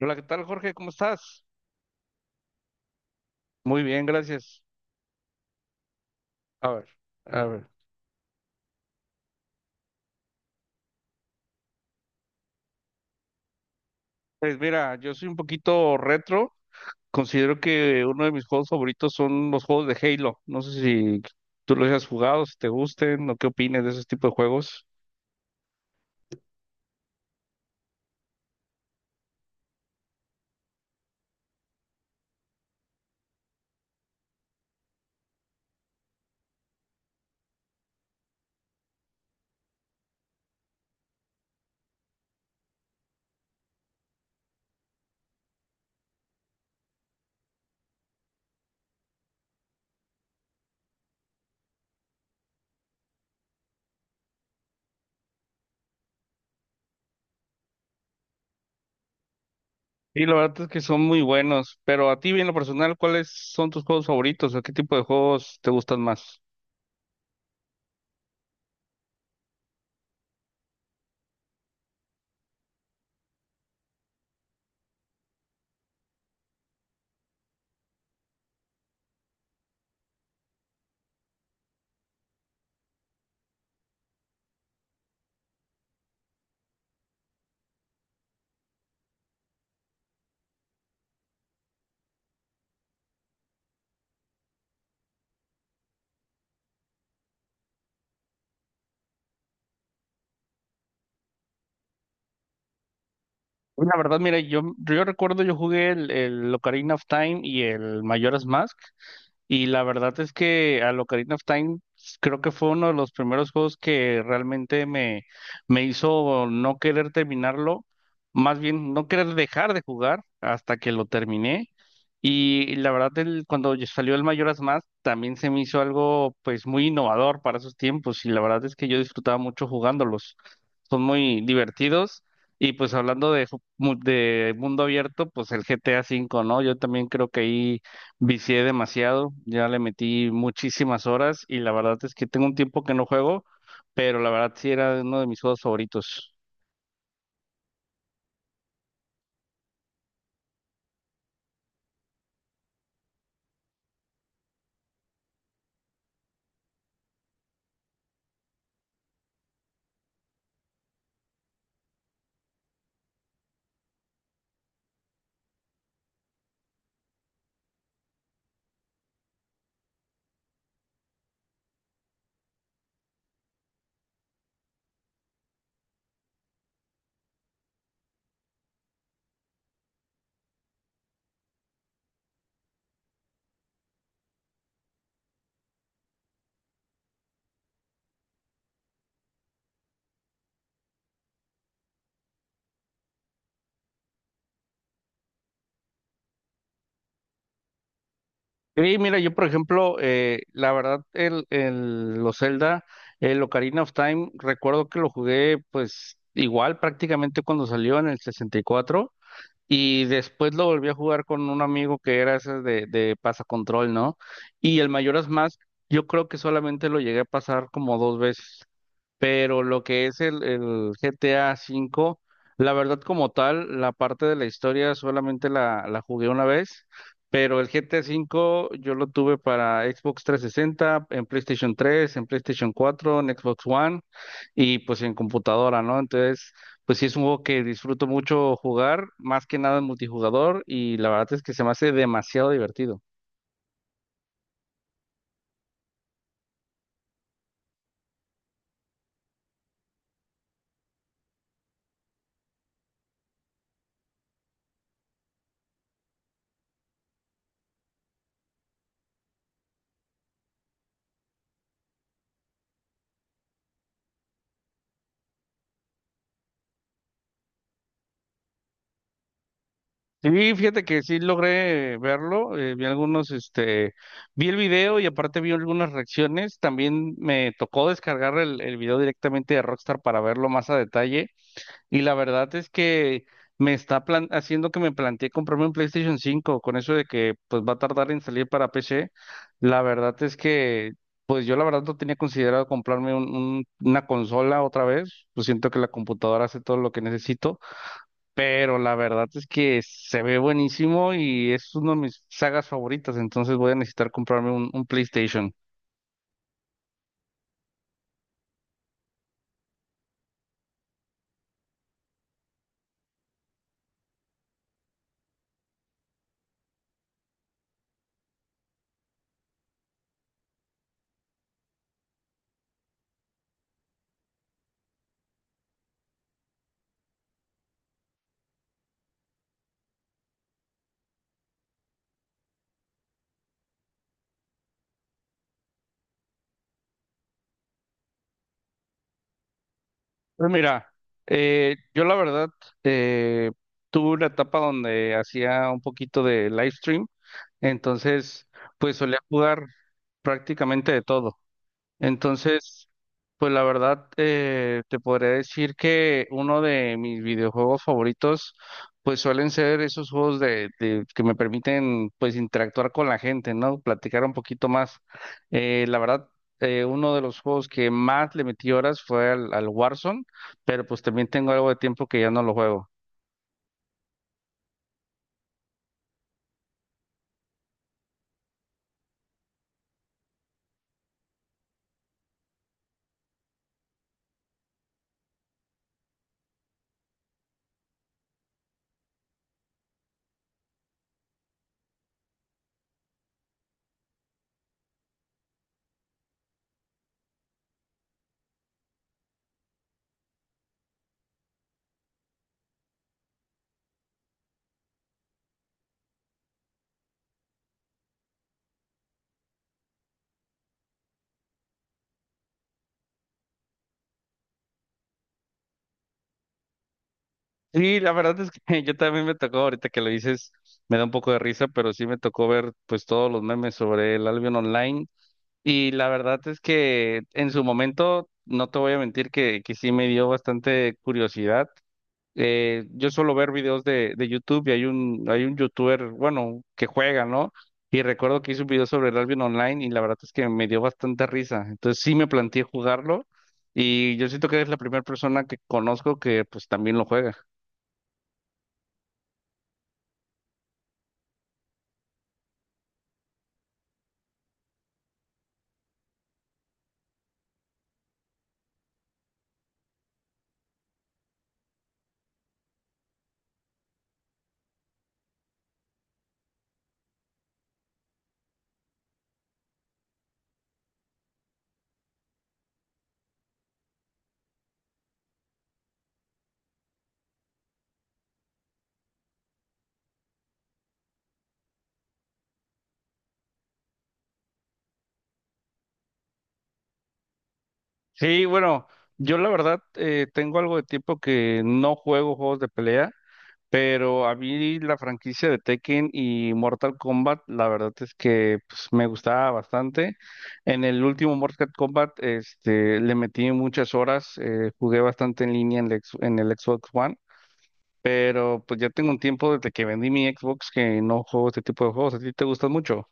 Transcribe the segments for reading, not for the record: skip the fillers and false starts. Hola, ¿qué tal, Jorge? ¿Cómo estás? Muy bien, gracias. A ver, a ver. Pues mira, yo soy un poquito retro. Considero que uno de mis juegos favoritos son los juegos de Halo. No sé si tú los hayas jugado, si te gusten o qué opines de esos tipos de juegos. Y la verdad es que son muy buenos. Pero a ti, en lo personal, ¿cuáles son tus juegos favoritos o qué tipo de juegos te gustan más? La verdad, mira, yo recuerdo, yo jugué el Ocarina of Time y el Majora's Mask. Y la verdad es que a Ocarina of Time creo que fue uno de los primeros juegos que realmente me hizo no querer terminarlo, más bien no querer dejar de jugar hasta que lo terminé. Y la verdad, el, cuando ya salió el Majora's Mask, también se me hizo algo pues muy innovador para esos tiempos y la verdad es que yo disfrutaba mucho jugándolos. Son muy divertidos. Y pues hablando de, ju- mu- de mundo abierto, pues el GTA V, ¿no? Yo también creo que ahí vicié demasiado, ya le metí muchísimas horas y la verdad es que tengo un tiempo que no juego, pero la verdad sí era uno de mis juegos favoritos. Y mira, yo por ejemplo, la verdad, el, los Zelda, el Ocarina of Time, recuerdo que lo jugué pues igual prácticamente cuando salió en el 64. Y después lo volví a jugar con un amigo que era ese de pasacontrol, ¿no? Y el Mayoras más yo creo que solamente lo llegué a pasar como dos veces. Pero lo que es el GTA V, la verdad como tal, la parte de la historia solamente la jugué una vez. Pero el GTA V yo lo tuve para Xbox 360, en PlayStation 3, en PlayStation 4, en Xbox One y pues en computadora, ¿no? Entonces pues sí, es un juego que disfruto mucho jugar, más que nada en multijugador, y la verdad es que se me hace demasiado divertido. Sí, fíjate que sí logré verlo, vi algunos, este, vi el video y aparte vi algunas reacciones, también me tocó descargar el video directamente de Rockstar para verlo más a detalle. Y la verdad es que me está haciendo que me planteé comprarme un PlayStation 5 con eso de que pues va a tardar en salir para PC. La verdad es que pues yo la verdad no tenía considerado comprarme una consola otra vez. Pues siento que la computadora hace todo lo que necesito, pero la verdad es que se ve buenísimo y es una de mis sagas favoritas, entonces voy a necesitar comprarme un PlayStation. Pues mira, yo la verdad eh, tuve una etapa donde hacía un poquito de live stream, entonces pues solía jugar prácticamente de todo. Entonces pues la verdad, te podría decir que uno de mis videojuegos favoritos, pues suelen ser esos juegos de- que me permiten, pues, interactuar con la gente, ¿no? Platicar un poquito más. La verdad, uno de los juegos que más le metí horas fue al, al Warzone, pero pues también tengo algo de tiempo que ya no lo juego. Sí, la verdad es que yo también me tocó, ahorita que lo dices, me da un poco de risa, pero sí me tocó ver, pues, todos los memes sobre el Albion Online. Y la verdad es que en su momento, no te voy a mentir que sí me dio bastante curiosidad. Yo suelo ver videos de YouTube y hay un youtuber, bueno, que juega, ¿no? Y recuerdo que hizo un video sobre el rugby online y la verdad es que me dio bastante risa. Entonces sí me planteé jugarlo y yo siento que eres la primera persona que conozco que pues también lo juega. Sí, bueno, yo la verdad tengo algo de tiempo que no juego juegos de pelea. Pero a mí la franquicia de Tekken y Mortal Kombat, la verdad es que pues, me gustaba bastante. En el último Mortal Kombat, este, le metí muchas horas, jugué bastante en línea en el, en el Xbox One, pero pues ya tengo un tiempo desde que vendí mi Xbox que no juego este tipo de juegos. ¿A ti te gustan mucho?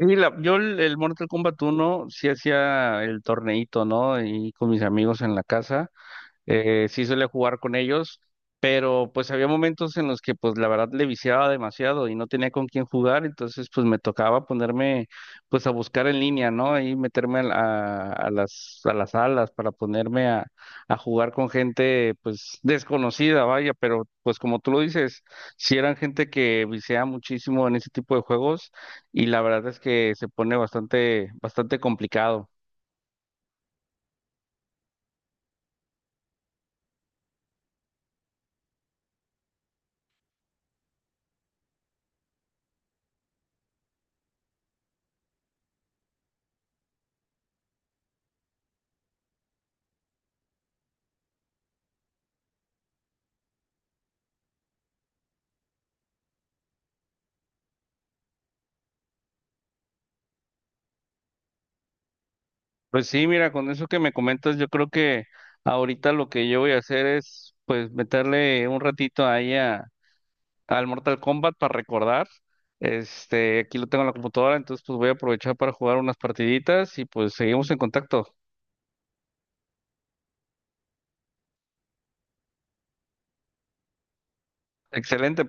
Y la- yo el Mortal Kombat uno sí hacía el torneito, ¿no? Y con mis amigos en la casa. Sí suele jugar con ellos, pero pues había momentos en los que pues la verdad le viciaba demasiado y no tenía con quién jugar, entonces pues me tocaba ponerme pues a buscar en línea, ¿no? Y meterme a las salas para ponerme a jugar con gente pues desconocida, vaya, pero pues como tú lo dices, si eran gente que viciaba muchísimo en ese tipo de juegos y la verdad es que se pone bastante, bastante complicado. Pues sí, mira, con eso que me comentas, yo creo que ahorita lo que yo voy a hacer es, pues, meterle un ratito ahí a, al Mortal Kombat para recordar. Este, aquí lo tengo en la computadora, entonces pues voy a aprovechar para jugar unas partiditas y pues seguimos en contacto. Excelente,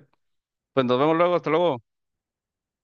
pues nos vemos luego, hasta luego.